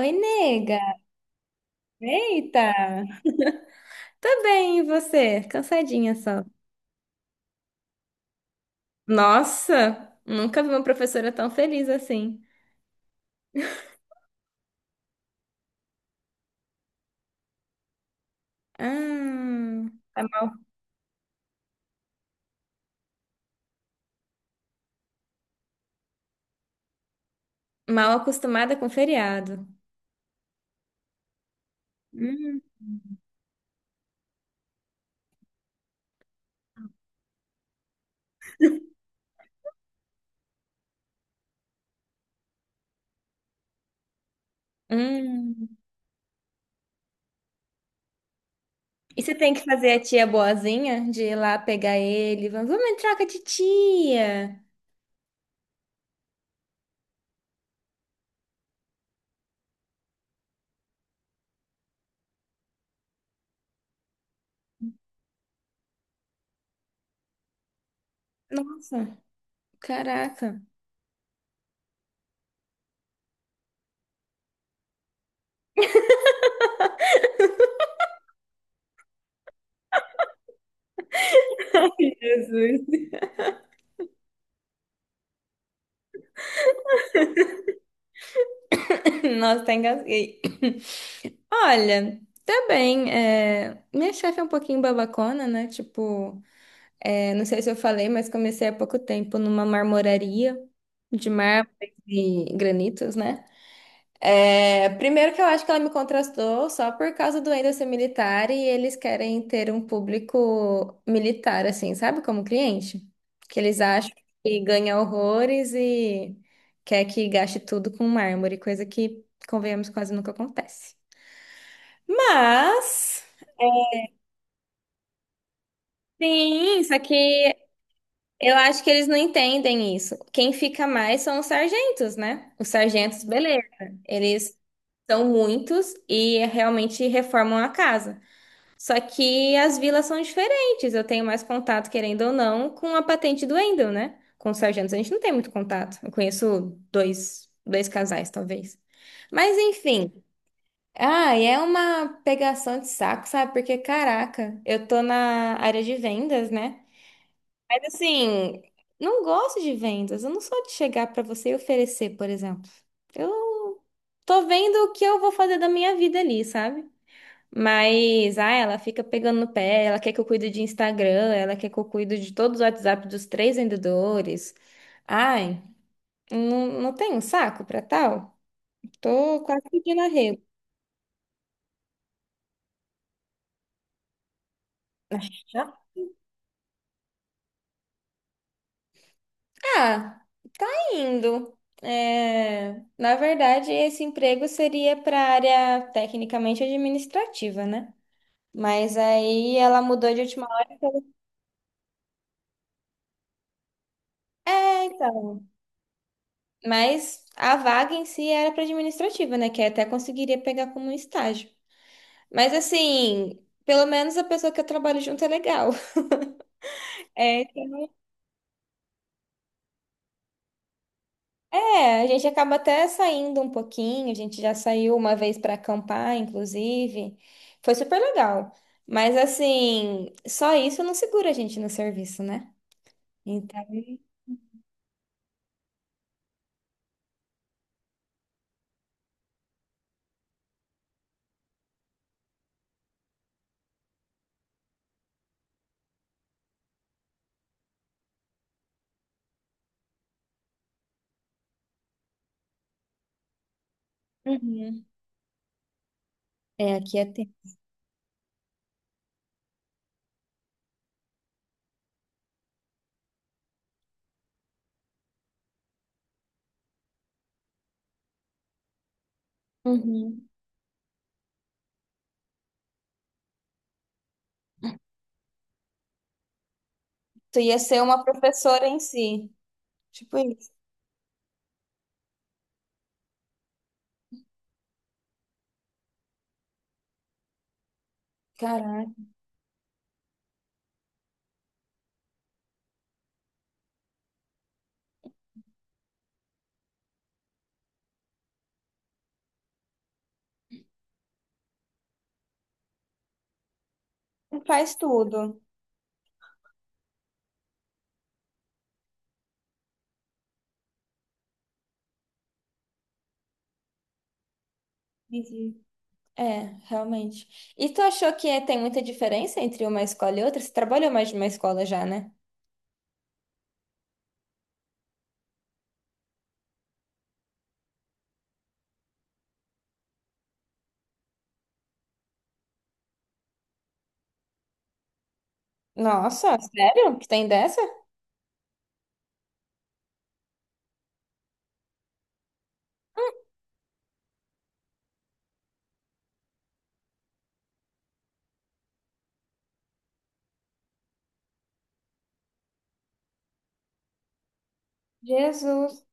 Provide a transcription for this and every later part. Oi, nega. Eita! Tô bem, e você? Cansadinha só. Nossa, nunca vi uma professora tão feliz assim. Ah, tá mal, mal acostumada com feriado. Hum. Hum. E você tem que fazer a tia boazinha de ir lá pegar ele. Vamos em troca de tia. Nossa, caraca. Jesus. Nossa, tá engasguei. Olha, tá bem. Minha chefe é um pouquinho babacona, né? Tipo, não sei se eu falei, mas comecei há pouco tempo numa marmoraria de mármore e granitos, né? Primeiro que eu acho que ela me contrastou só por causa do ainda ser militar e eles querem ter um público militar, assim, sabe? Como cliente. Que eles acham que ganha horrores e quer que gaste tudo com mármore, coisa que, convenhamos, quase nunca acontece. Mas. Sim, só que eu acho que eles não entendem isso. Quem fica mais são os sargentos, né? Os sargentos, beleza. Eles são muitos e realmente reformam a casa. Só que as vilas são diferentes. Eu tenho mais contato, querendo ou não, com a patente do Wendel, né? Com os sargentos a gente não tem muito contato. Eu conheço dois casais, talvez. Mas enfim. Ah, e é uma pegação de saco, sabe? Porque, caraca, eu tô na área de vendas, né? Assim, não gosto de vendas. Eu não sou de chegar pra você e oferecer, por exemplo. Eu tô vendo o que eu vou fazer da minha vida ali, sabe? Mas, ah, ela fica pegando no pé, ela quer que eu cuide de Instagram, ela quer que eu cuide de todos os WhatsApp dos três vendedores. Ai, não, não tenho saco pra tal. Tô quase pedindo arrego. Ah, tá indo. É, na verdade, esse emprego seria para área tecnicamente administrativa, né? Mas aí ela mudou de última hora. É, então. Mas a vaga em si era para administrativa, né? Que até conseguiria pegar como um estágio. Mas assim, pelo menos a pessoa que eu trabalho junto é legal. É, É. a gente acaba até saindo um pouquinho, a gente já saiu uma vez para acampar, inclusive. Foi super legal. Mas assim, só isso não segura a gente no serviço, né? Então. Uhum. Aqui é tempo. Uhum. Tu ia ser uma professora em si. Tipo isso. Caraca, faz tudo. Entendi. É, realmente. E tu achou que tem muita diferença entre uma escola e outra? Você trabalhou mais de uma escola já, né? Nossa, sério? Que tem dessa? Jesus.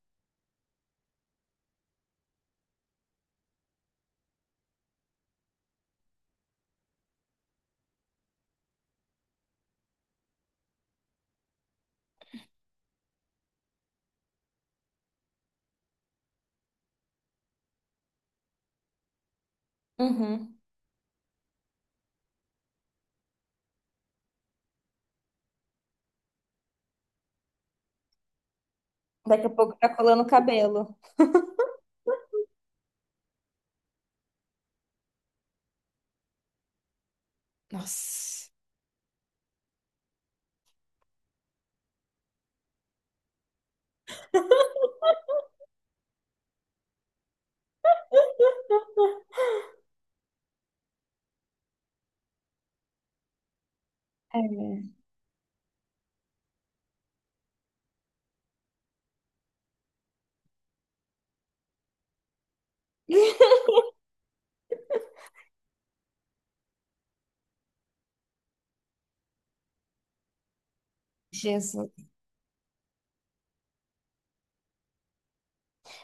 Uhum. Daqui a pouco tá colando o cabelo. Nossa. É. Jesus.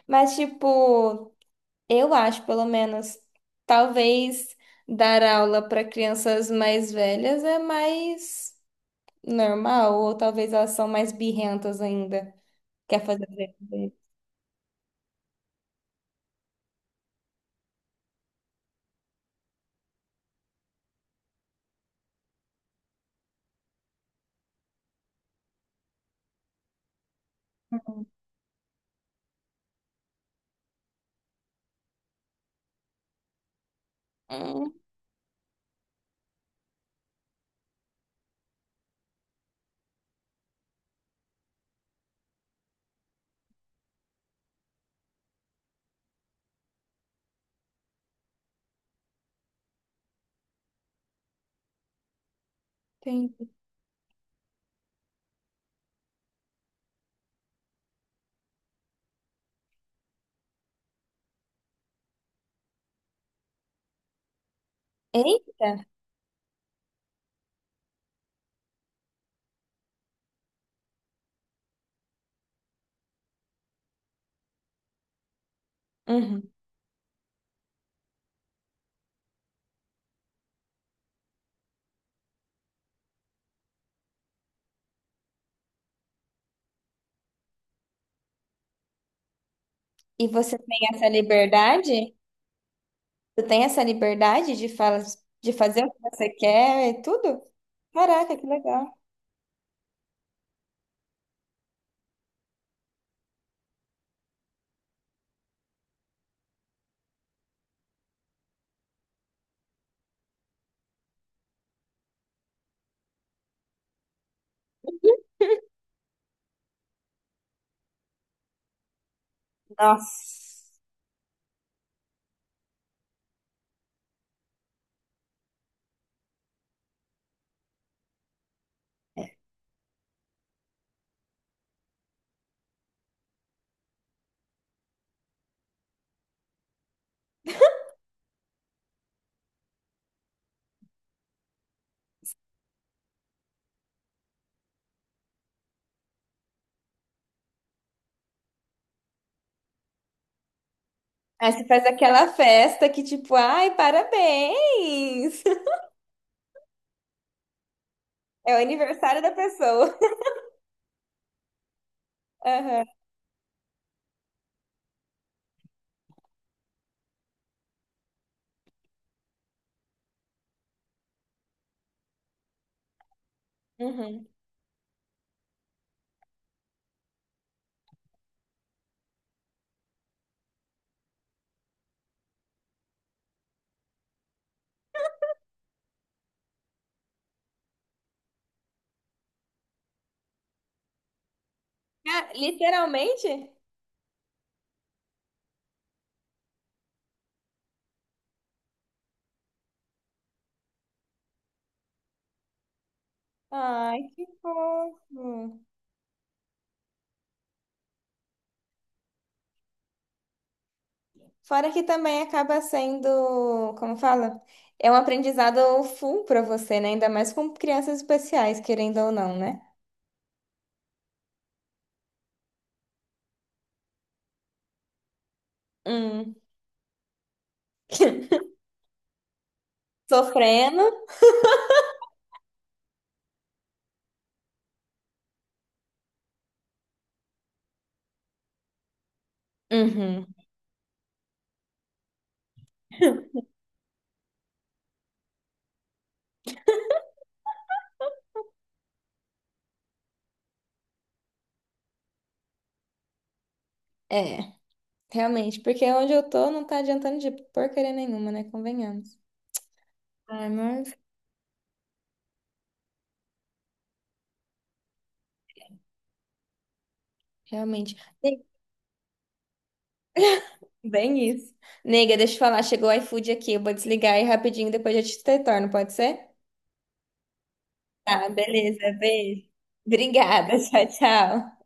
Mas, tipo, eu acho, pelo menos, talvez dar aula para crianças mais velhas é mais normal, ou talvez elas são mais birrentas ainda. Quer fazer? Dever. Hum, entendi. Eita! Uhum. E você tem essa liberdade? Tu tem essa liberdade de fala, de fazer o que você quer e tudo? Caraca, que legal. Nossa. Aí você faz aquela festa que, tipo, ai, parabéns! É o aniversário da pessoa. Aham. Uhum. Ah, literalmente? Ai, que fofo. Fora que também acaba sendo, como fala? É um aprendizado full pra você, né? Ainda mais com crianças especiais, querendo ou não, né? Hum. Sofrendo. Uhum. É, realmente, porque onde eu tô não tá adiantando de porcaria nenhuma, né? Convenhamos. Ai, mas. Realmente. Tem. Bem isso. Nega, deixa eu falar, chegou o iFood aqui, eu vou desligar aí rapidinho, depois eu te retorno, pode ser? Tá, beleza, beijo. Obrigada, tchau, tchau.